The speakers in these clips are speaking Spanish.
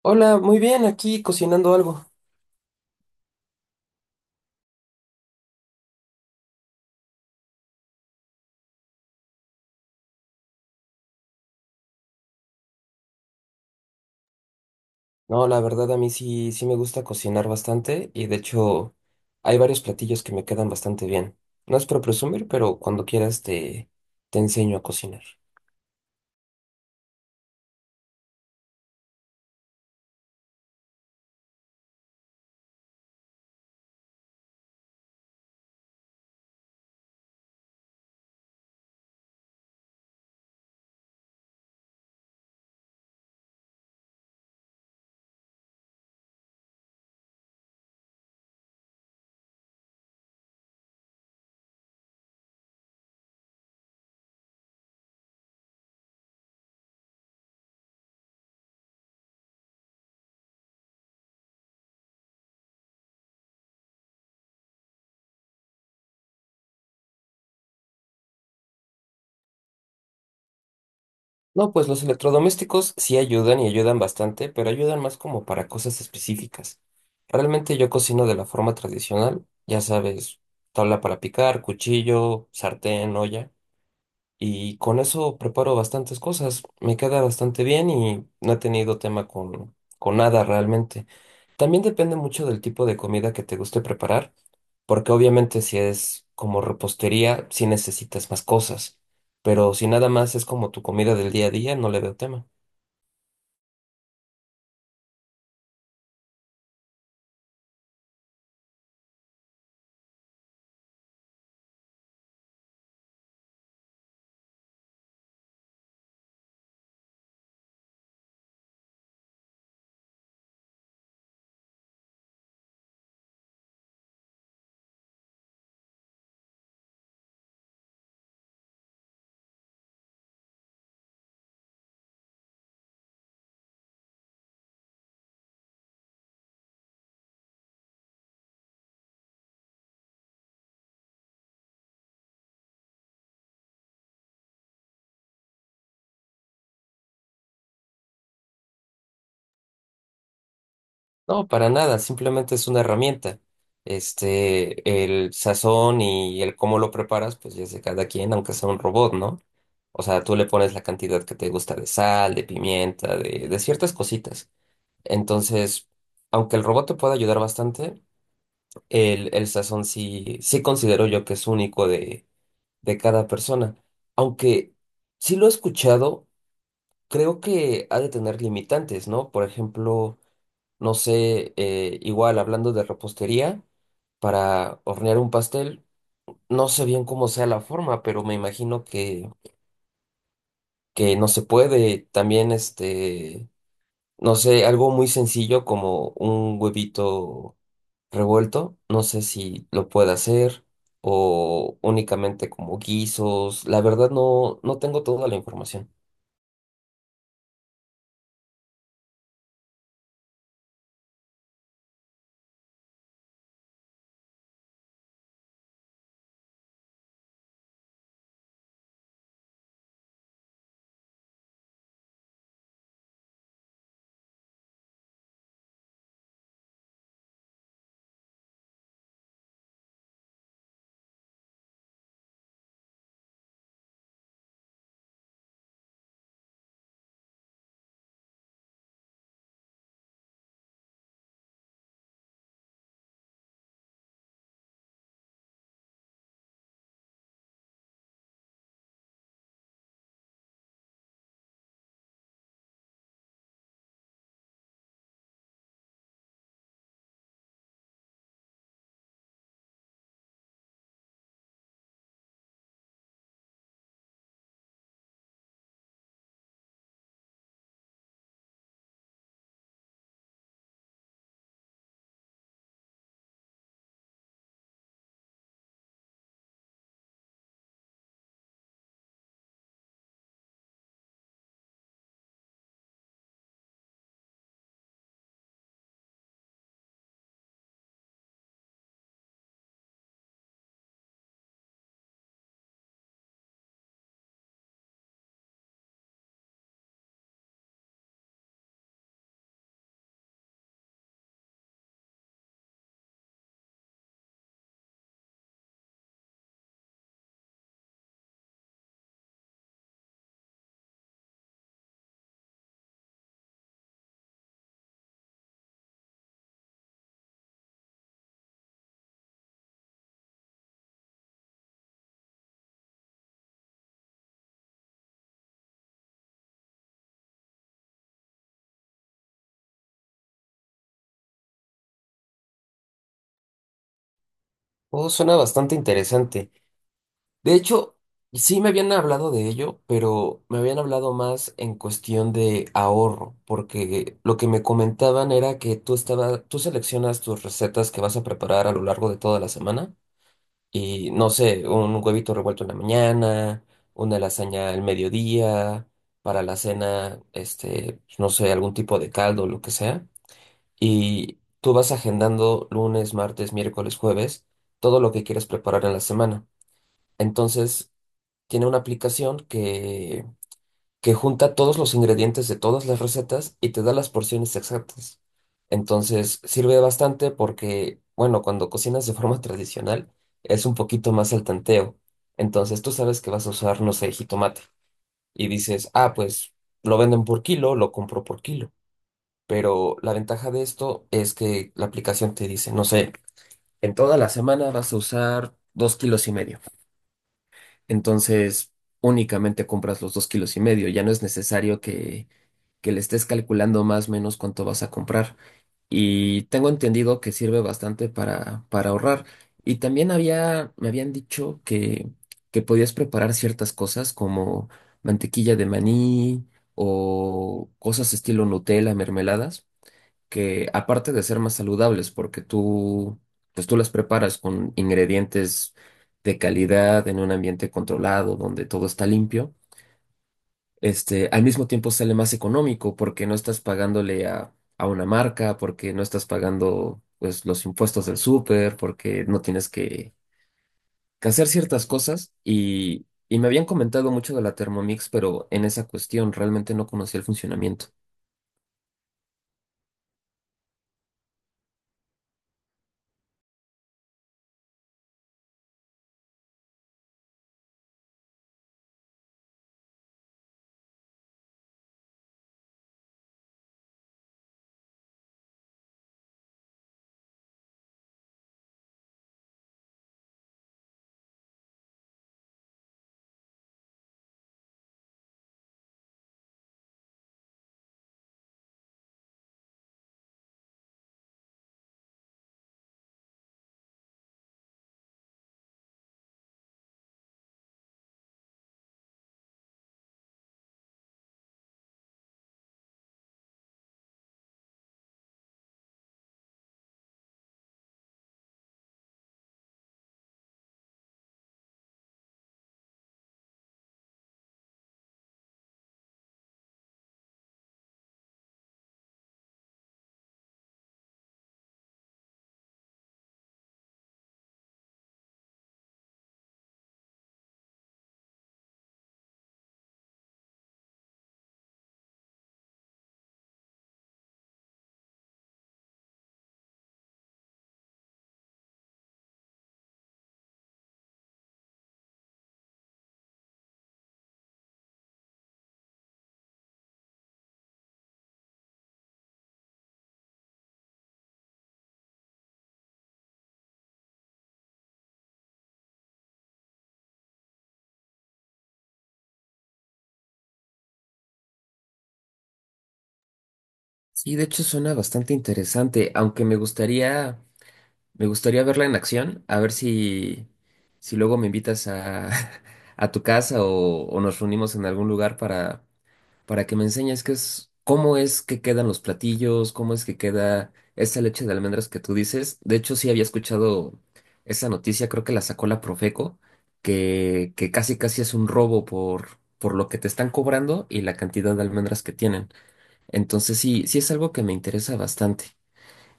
Hola, muy bien, aquí cocinando algo. No, la verdad a mí sí, sí me gusta cocinar bastante y de hecho hay varios platillos que me quedan bastante bien. No es por presumir, pero cuando quieras te enseño a cocinar. No, pues los electrodomésticos sí ayudan y ayudan bastante, pero ayudan más como para cosas específicas. Realmente yo cocino de la forma tradicional, ya sabes, tabla para picar, cuchillo, sartén, olla. Y con eso preparo bastantes cosas. Me queda bastante bien y no he tenido tema con nada realmente. También depende mucho del tipo de comida que te guste preparar, porque obviamente si es como repostería, sí necesitas más cosas. Pero si nada más es como tu comida del día a día, no le veo tema. No, para nada, simplemente es una herramienta. Este, el sazón y el cómo lo preparas, pues ya es de cada quien, aunque sea un robot, ¿no? O sea, tú le pones la cantidad que te gusta de sal, de pimienta, de ciertas cositas. Entonces, aunque el robot te pueda ayudar bastante, el sazón sí, sí considero yo que es único de cada persona. Aunque sí lo he escuchado, creo que ha de tener limitantes, ¿no? Por ejemplo no sé, igual hablando de repostería, para hornear un pastel, no sé bien cómo sea la forma, pero me imagino que no se puede. También, este, no sé, algo muy sencillo como un huevito revuelto, no sé si lo puede hacer o únicamente como guisos. La verdad no, no tengo toda la información. Todo suena bastante interesante. De hecho, sí me habían hablado de ello, pero me habían hablado más en cuestión de ahorro, porque lo que me comentaban era que tú seleccionas tus recetas que vas a preparar a lo largo de toda la semana y no sé, un huevito revuelto en la mañana, una lasaña al mediodía, para la cena, este, pues, no sé, algún tipo de caldo, lo que sea, y tú vas agendando lunes, martes, miércoles, jueves, todo lo que quieres preparar en la semana. Entonces, tiene una aplicación que junta todos los ingredientes de todas las recetas y te da las porciones exactas. Entonces, sirve bastante porque, bueno, cuando cocinas de forma tradicional, es un poquito más al tanteo. Entonces, tú sabes que vas a usar, no sé, jitomate y dices, ah, pues lo venden por kilo, lo compro por kilo. Pero la ventaja de esto es que la aplicación te dice, no sé, en toda la semana vas a usar 2,5 kilos. Entonces, únicamente compras los 2,5 kilos. Ya no es necesario que le estés calculando más o menos cuánto vas a comprar. Y tengo entendido que sirve bastante para ahorrar. Y también había, me habían dicho que podías preparar ciertas cosas como mantequilla de maní o cosas estilo Nutella, mermeladas que aparte de ser más saludables, porque tú, pues tú las preparas con ingredientes de calidad en un ambiente controlado, donde todo está limpio, este, al mismo tiempo sale más económico porque no estás pagándole a una marca, porque no estás pagando, pues, los impuestos del súper, porque no tienes que hacer ciertas cosas y... Y me habían comentado mucho de la Thermomix, pero en esa cuestión realmente no conocía el funcionamiento. Sí, de hecho suena bastante interesante, aunque me gustaría me gustaría verla en acción, a ver si luego me invitas a, a tu casa o nos reunimos en algún lugar para que me enseñes qué es, cómo es que quedan los platillos, cómo es que queda esa leche de almendras que tú dices. De hecho, sí había escuchado esa noticia, creo que la sacó la Profeco, que casi casi es un robo por lo que te están cobrando y la cantidad de almendras que tienen. Entonces sí, sí es algo que me interesa bastante.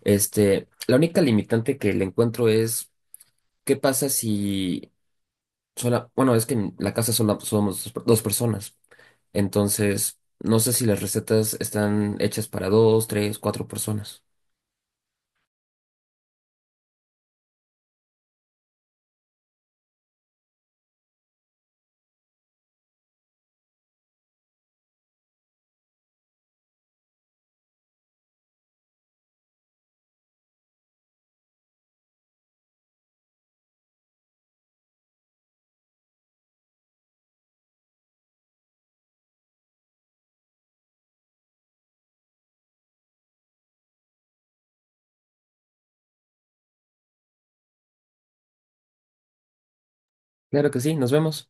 Este, la única limitante que le encuentro es, ¿qué pasa si sola, bueno, es que en la casa sola- somos dos personas, entonces no sé si las recetas están hechas para dos, tres, cuatro personas. Claro que sí, nos vemos.